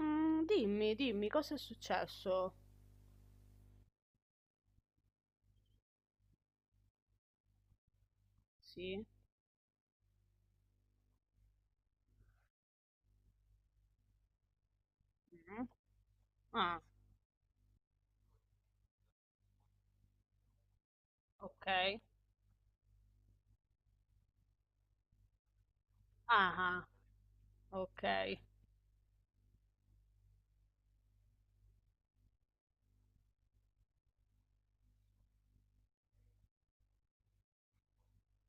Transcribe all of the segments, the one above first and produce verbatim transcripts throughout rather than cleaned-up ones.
Mm, dimmi, dimmi, cosa è successo? Sì? Mhm. Ah, ok. Ah, ah, ok.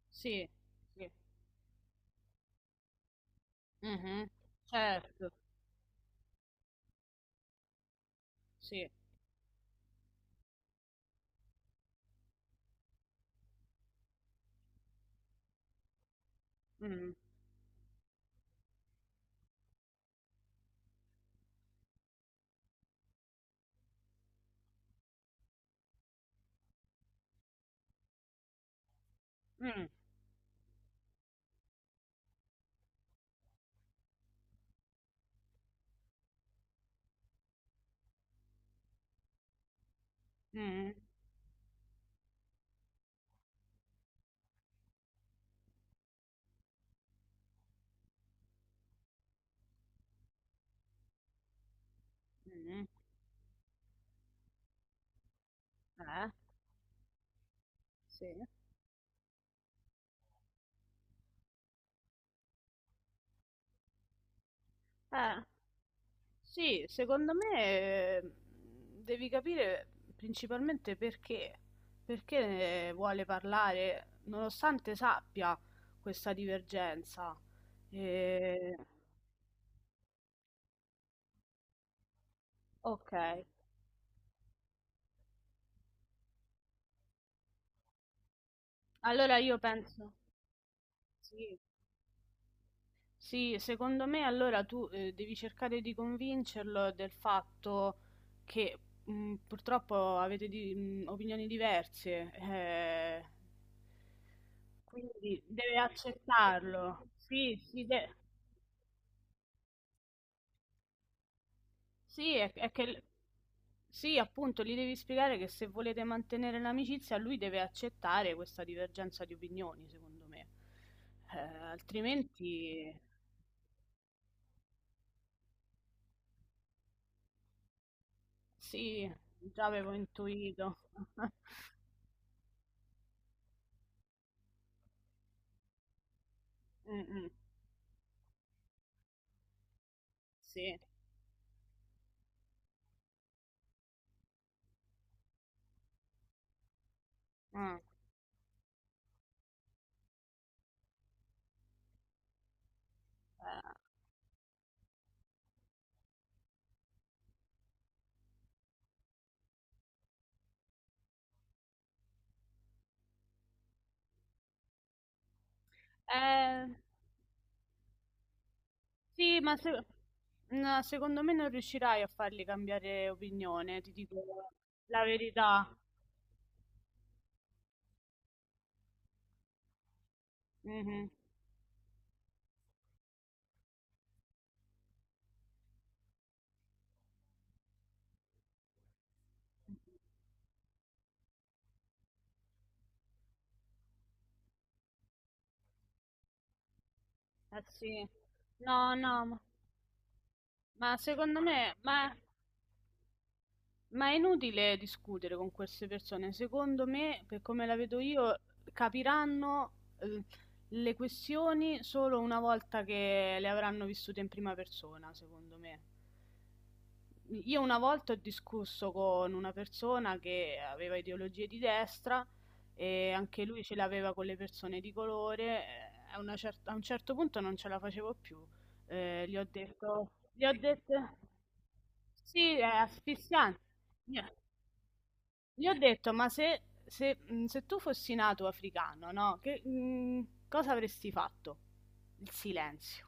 Sì, sì. Mhm. Certo, sì. Mm, mm, mm, mm. Eh, sì. Eh, sì, secondo me eh, devi capire principalmente perché. Perché eh, vuole parlare, nonostante sappia questa divergenza. Eh, ok. Allora io penso, sì, sì, secondo me allora tu eh, devi cercare di convincerlo del fatto che mh, purtroppo avete di- mh, opinioni diverse, eh, quindi deve accettarlo. Sì, sì, de- sì, è, è che sì, appunto, gli devi spiegare che se volete mantenere l'amicizia, lui deve accettare questa divergenza di opinioni, secondo me. Eh, altrimenti Sì, già avevo intuito. Mh-mh, sì. Mh. Eh, eh, sì, ma se no, secondo me non riuscirai a farli cambiare opinione, ti dico la verità. Mh-mh. Eh sì. No, no, ma ma secondo me ma Ma è inutile discutere con queste persone, secondo me, per come la vedo io, capiranno eh, le questioni solo una volta che le avranno vissute in prima persona, secondo me. Io una volta ho discusso con una persona che aveva ideologie di destra e anche lui ce l'aveva con le persone di colore, eh, a, una cer- a un certo punto non ce la facevo più. Ehm, gli ho detto gli ho detto sì, è asfissiante. Gli ho gli ho detto, ma se, se- mh, se tu fossi nato africano, no? Che, mh, cosa avresti fatto? Il silenzio.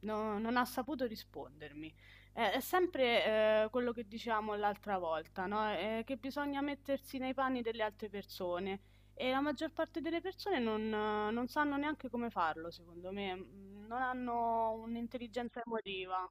No- non ha saputo rispondermi. Eh, È sempre eh, quello che diciamo l'altra volta, no? Eh, che bisogna mettersi nei panni delle altre persone e la maggior parte delle persone non, eh, non sanno neanche come farlo, secondo me. Mm, non hanno un'intelligenza emotiva.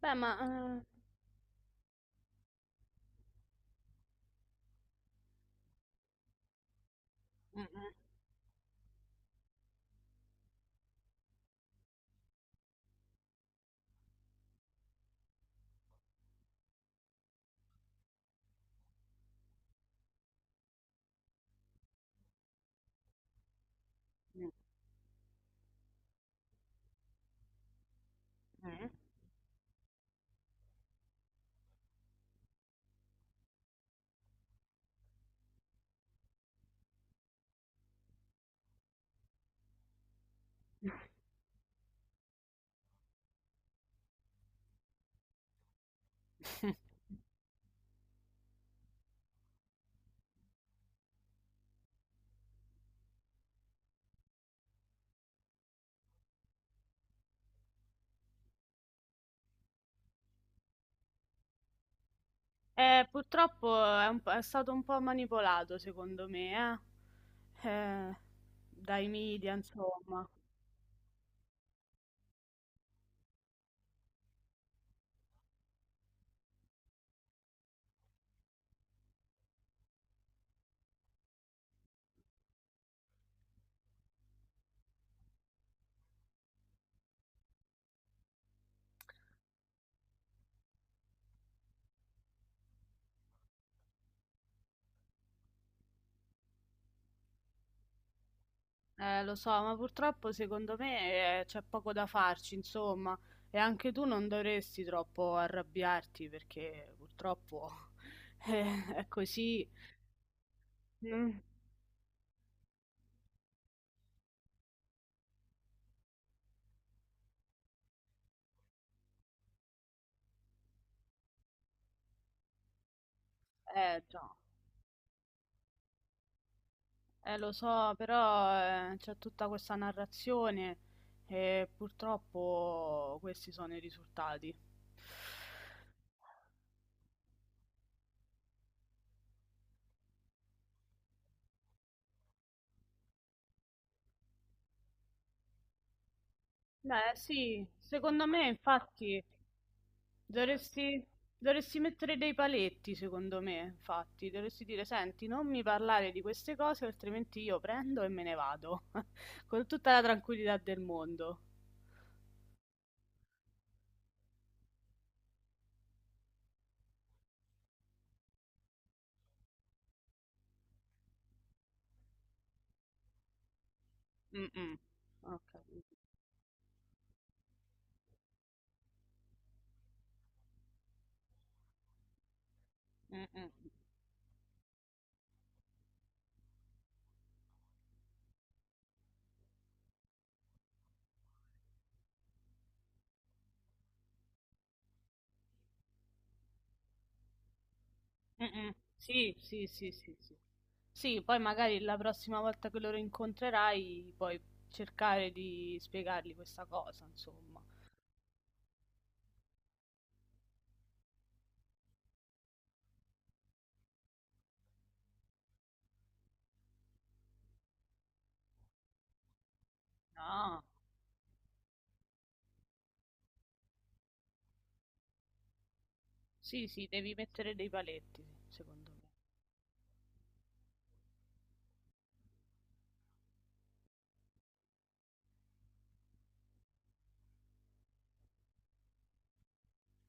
Beh, ma... eh, mm, mm, mm, mm. Eh, purtroppo è, un po'- è stato un po' manipolato, secondo me, eh? Eh, dai media, insomma. Eh, lo so, ma purtroppo secondo me eh, c'è poco da farci, insomma. E anche tu non dovresti troppo arrabbiarti perché purtroppo eh, è così. Mm. Eh, già. Eh, lo so, però eh, c'è tutta questa narrazione e purtroppo questi sono i risultati. Beh, sì, secondo me, infatti, dovresti, dovresti mettere dei paletti, secondo me, infatti, dovresti dire, senti, non mi parlare di queste cose, altrimenti io prendo e me ne vado, con tutta la tranquillità del mondo. Mm-mm. Ho capito. Mm-mm. Mm-mm. Sì, sì, sì, sì, sì. Sì, poi magari la prossima volta che loro incontrerai, puoi cercare di spiegargli questa cosa, insomma. No. Sì, sì, devi mettere dei paletti, secondo me.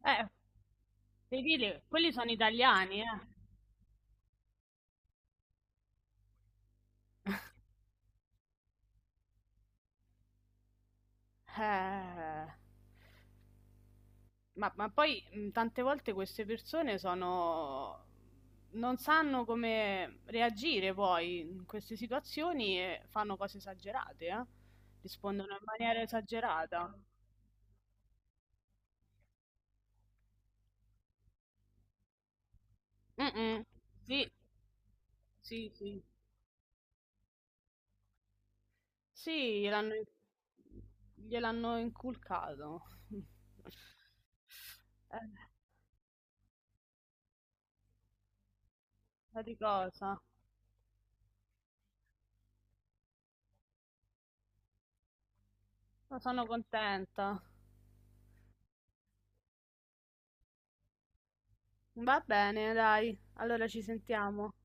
Eh, devi dire, quelli sono italiani, eh. Eh, ma, ma poi mh, tante volte queste persone sono... non sanno come reagire poi in queste situazioni e fanno cose esagerate, eh. Rispondono in maniera esagerata. Mm-mm. Sì, sì, sì. Sì, gliel'hanno gliel'hanno inculcato. Eh. Ma di cosa? Ma sono contenta. Va bene, dai. Allora ci sentiamo.